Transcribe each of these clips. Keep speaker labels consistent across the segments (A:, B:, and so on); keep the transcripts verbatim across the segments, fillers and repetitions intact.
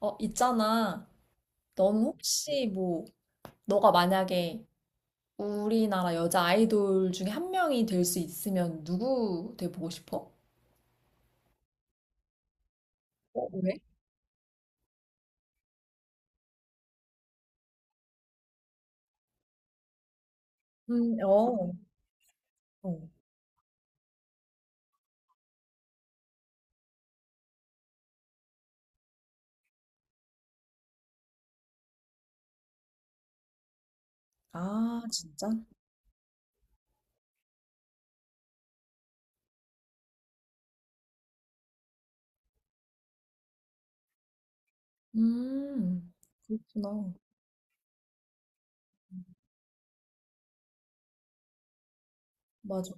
A: 어, 있잖아. 넌 혹시 뭐, 너가 만약에 우리나라 여자 아이돌 중에 한 명이 될 수 있으면 누구 돼보고 싶어? 어, 왜? 음, 어, 어. 아, 진짜? 음, 그렇구나. 맞아.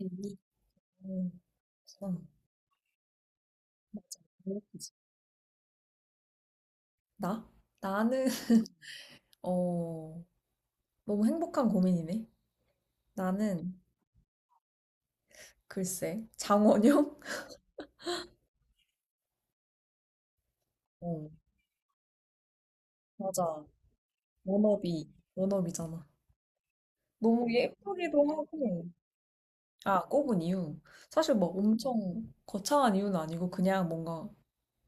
A: 이- 어, 참, 맞아. 그렇지. 나? 나는, 어, 너무 행복한 고민이네. 나는, 글쎄, 장원영? 어, 맞아. 워너비, 워너비잖아. 너무 예쁘기도 하고, 아, 꼽은 이유. 사실 막 엄청 거창한 이유는 아니고, 그냥 뭔가,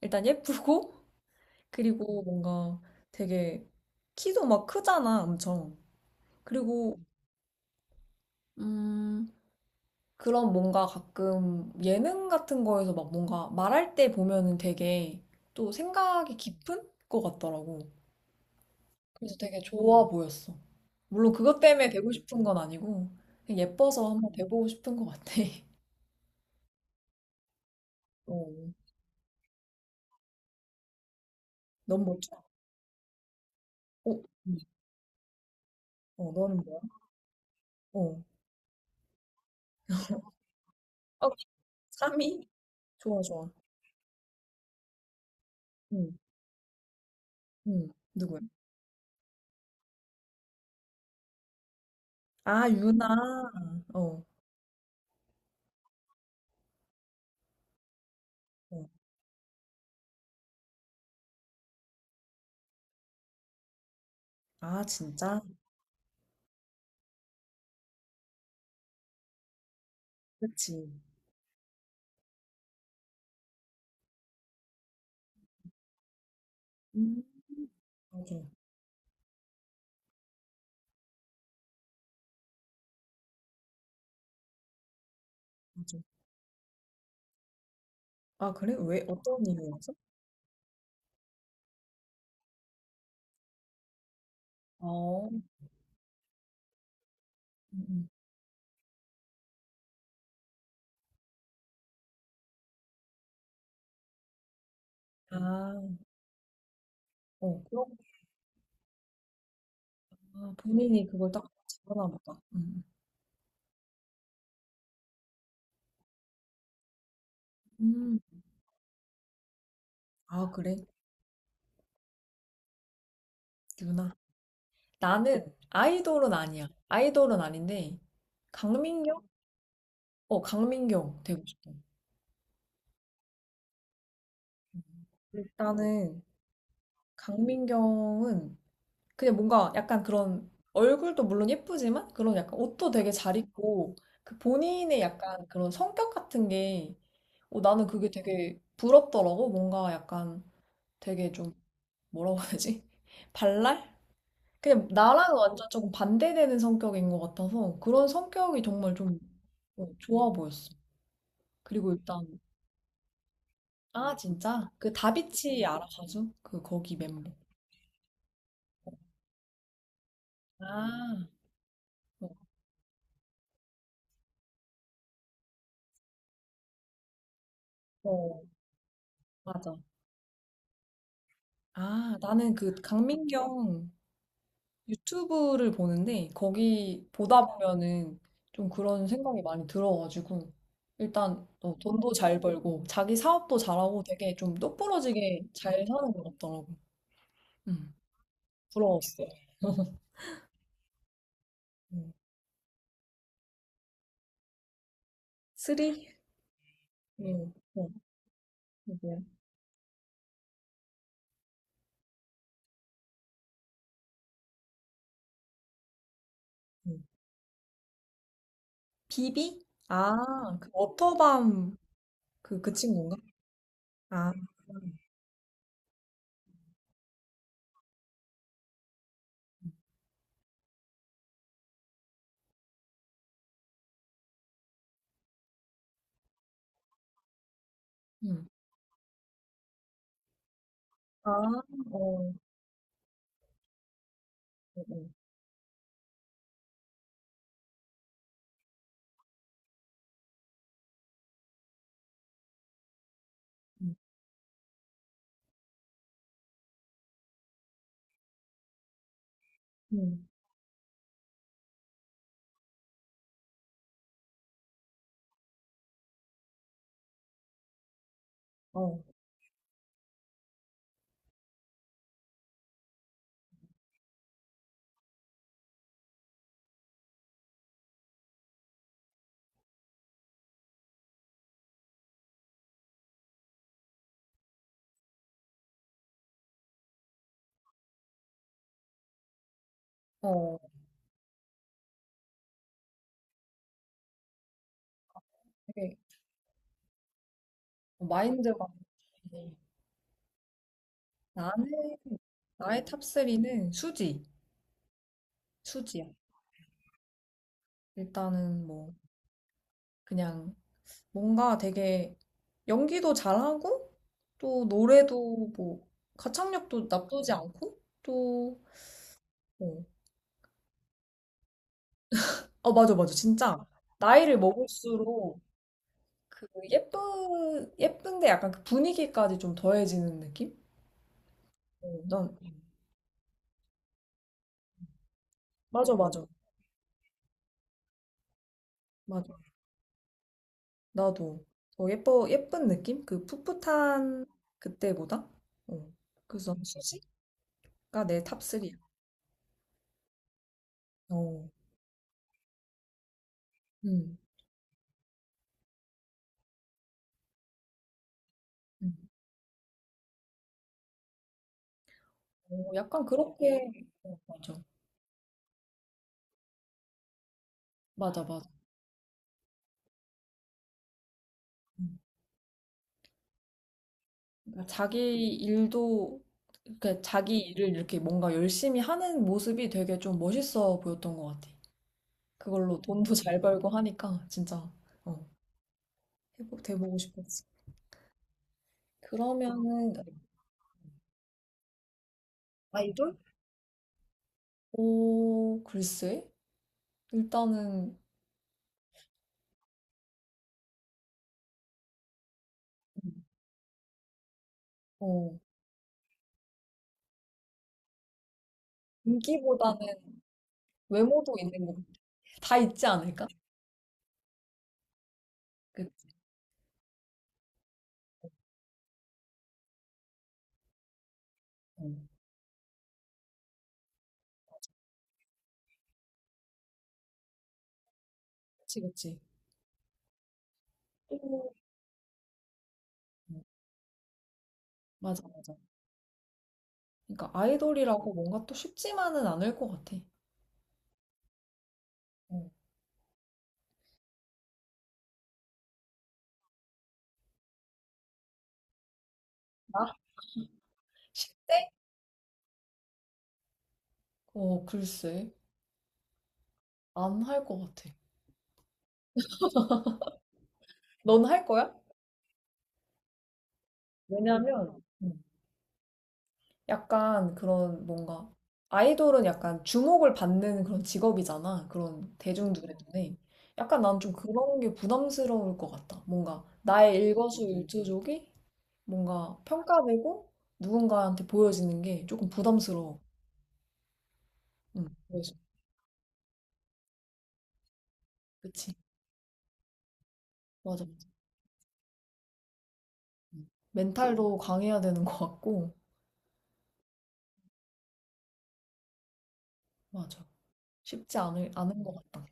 A: 일단 예쁘고, 그리고 뭔가 되게, 키도 막 크잖아, 엄청. 그리고, 음, 그런 뭔가 가끔 예능 같은 거에서 막 뭔가 말할 때 보면은 되게 또 생각이 깊은 것 같더라고. 그래서 되게 좋아 보였어. 물론 그것 때문에 되고 싶은 건 아니고, 그냥 예뻐서 한번 돼보고 싶은 것 같아. 어, 너무 멋져. 어, 음. 어, 너는 뭐야? 어. 어, 삼 위 좋아, 좋아. 응, 응. 누구야? 아, 유나. 어, 어. 아, 진짜? 그치. 음, 맞아, 맞아. 아, 그래? 왜? 어떤 이유였어? 어, 음, 음. 아, 어, 그렇구나. 본인이 그걸 딱 잡아나 보다. 음, 음. 아, 그래? 유나. 나는 아이돌은 아니야. 아이돌은 아닌데, 강민경? 어, 강민경 되고 싶어. 응. 일단은, 강민경은 그냥 뭔가 약간 그런 얼굴도 물론 예쁘지만 그런 약간 옷도 되게 잘 입고 그 본인의 약간 그런 성격 같은 게 어, 나는 그게 되게 부럽더라고. 뭔가 약간 되게 좀 뭐라고 해야 되지? 발랄? 그냥 나랑 완전 조금 반대되는 성격인 것 같아서 그런 성격이 정말 좀 어, 좋아 보였어. 그리고 일단 아, 진짜? 그 다비치 알아 가수? 그 거기 멤버. 아, 어, 어, 맞아. 아, 나는 그 강민경 유튜브를 보는데 거기 보다 보면은 좀 그런 생각이 많이 들어가지고 일단 어, 돈도 잘 벌고 자기 사업도 잘하고 되게 좀 똑부러지게 잘 사는 것 같더라고. 음, 부러웠어. 음. 쓰리? 음, 어, 그거. 음. 비비? 아, 그 워터밤 그, 그 친구인가? 아, 음. 아, 어, 어, 어. 음, 음. 어, 어. 되게 마인드가 네. 나는 나의 탑 쓰리는 수지, 수지야. 일단은 뭐 그냥 뭔가 되게 연기도 잘하고 또 노래도 뭐 가창력도 나쁘지 않고 또 어, 어 맞아 맞아 진짜 나이를 먹을수록 그 예쁜 예쁜데 약간 그 분위기까지 좀 더해지는 느낌? 어, 난 맞아 맞아 맞아 나도 더 예뻐 예쁜 느낌? 그 풋풋한 그때보다? 어. 그래서 난 수지가 내 탑쓰리야. 어. 음. 음. 어, 약간 그렇게 어, 맞아. 맞아, 맞아. 음. 그러니까 자기 일도 그러니까 자기 일을 이렇게 뭔가 열심히 하는 모습이 되게 좀 멋있어 보였던 것 같아. 그걸로 돈도 잘 벌고 하니까 진짜 어, 해보, 돼보고 싶었어. 그러면은 아이돌? 오, 글쎄. 일단은 음. 어, 인기보다는 외모도 있는 것 같아. 다 있지 않을까? 그, 어, 그치, 그치. 또, 어, 맞아, 맞아. 그러니까 아이돌이라고 뭔가 또 쉽지만은 않을 것 같아. 어, 나 십 대 어, 글쎄. 안 할 것 같아. 넌 할 거야? 왜냐면, 음, 약간 그런 뭔가, 아이돌은 약간 주목을 받는 그런 직업이잖아. 그런 대중들의 눈에. 약간 난 좀 그런 게 부담스러울 것 같다. 뭔가 나의 일거수일투족이 뭔가 평가되고 누군가한테 보여지는 게 조금 부담스러워. 응, 그래서. 그치. 맞아, 맞아. 응. 멘탈도 강해야 되는 것 같고, 맞아. 쉽지 않을, 않은 것 같다.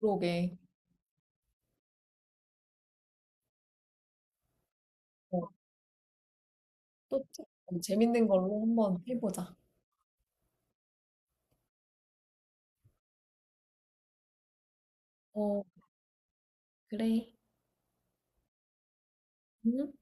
A: 그러게. 어, 또, 재- 재밌는 걸로 한번 해보자. 어, 그래. 응?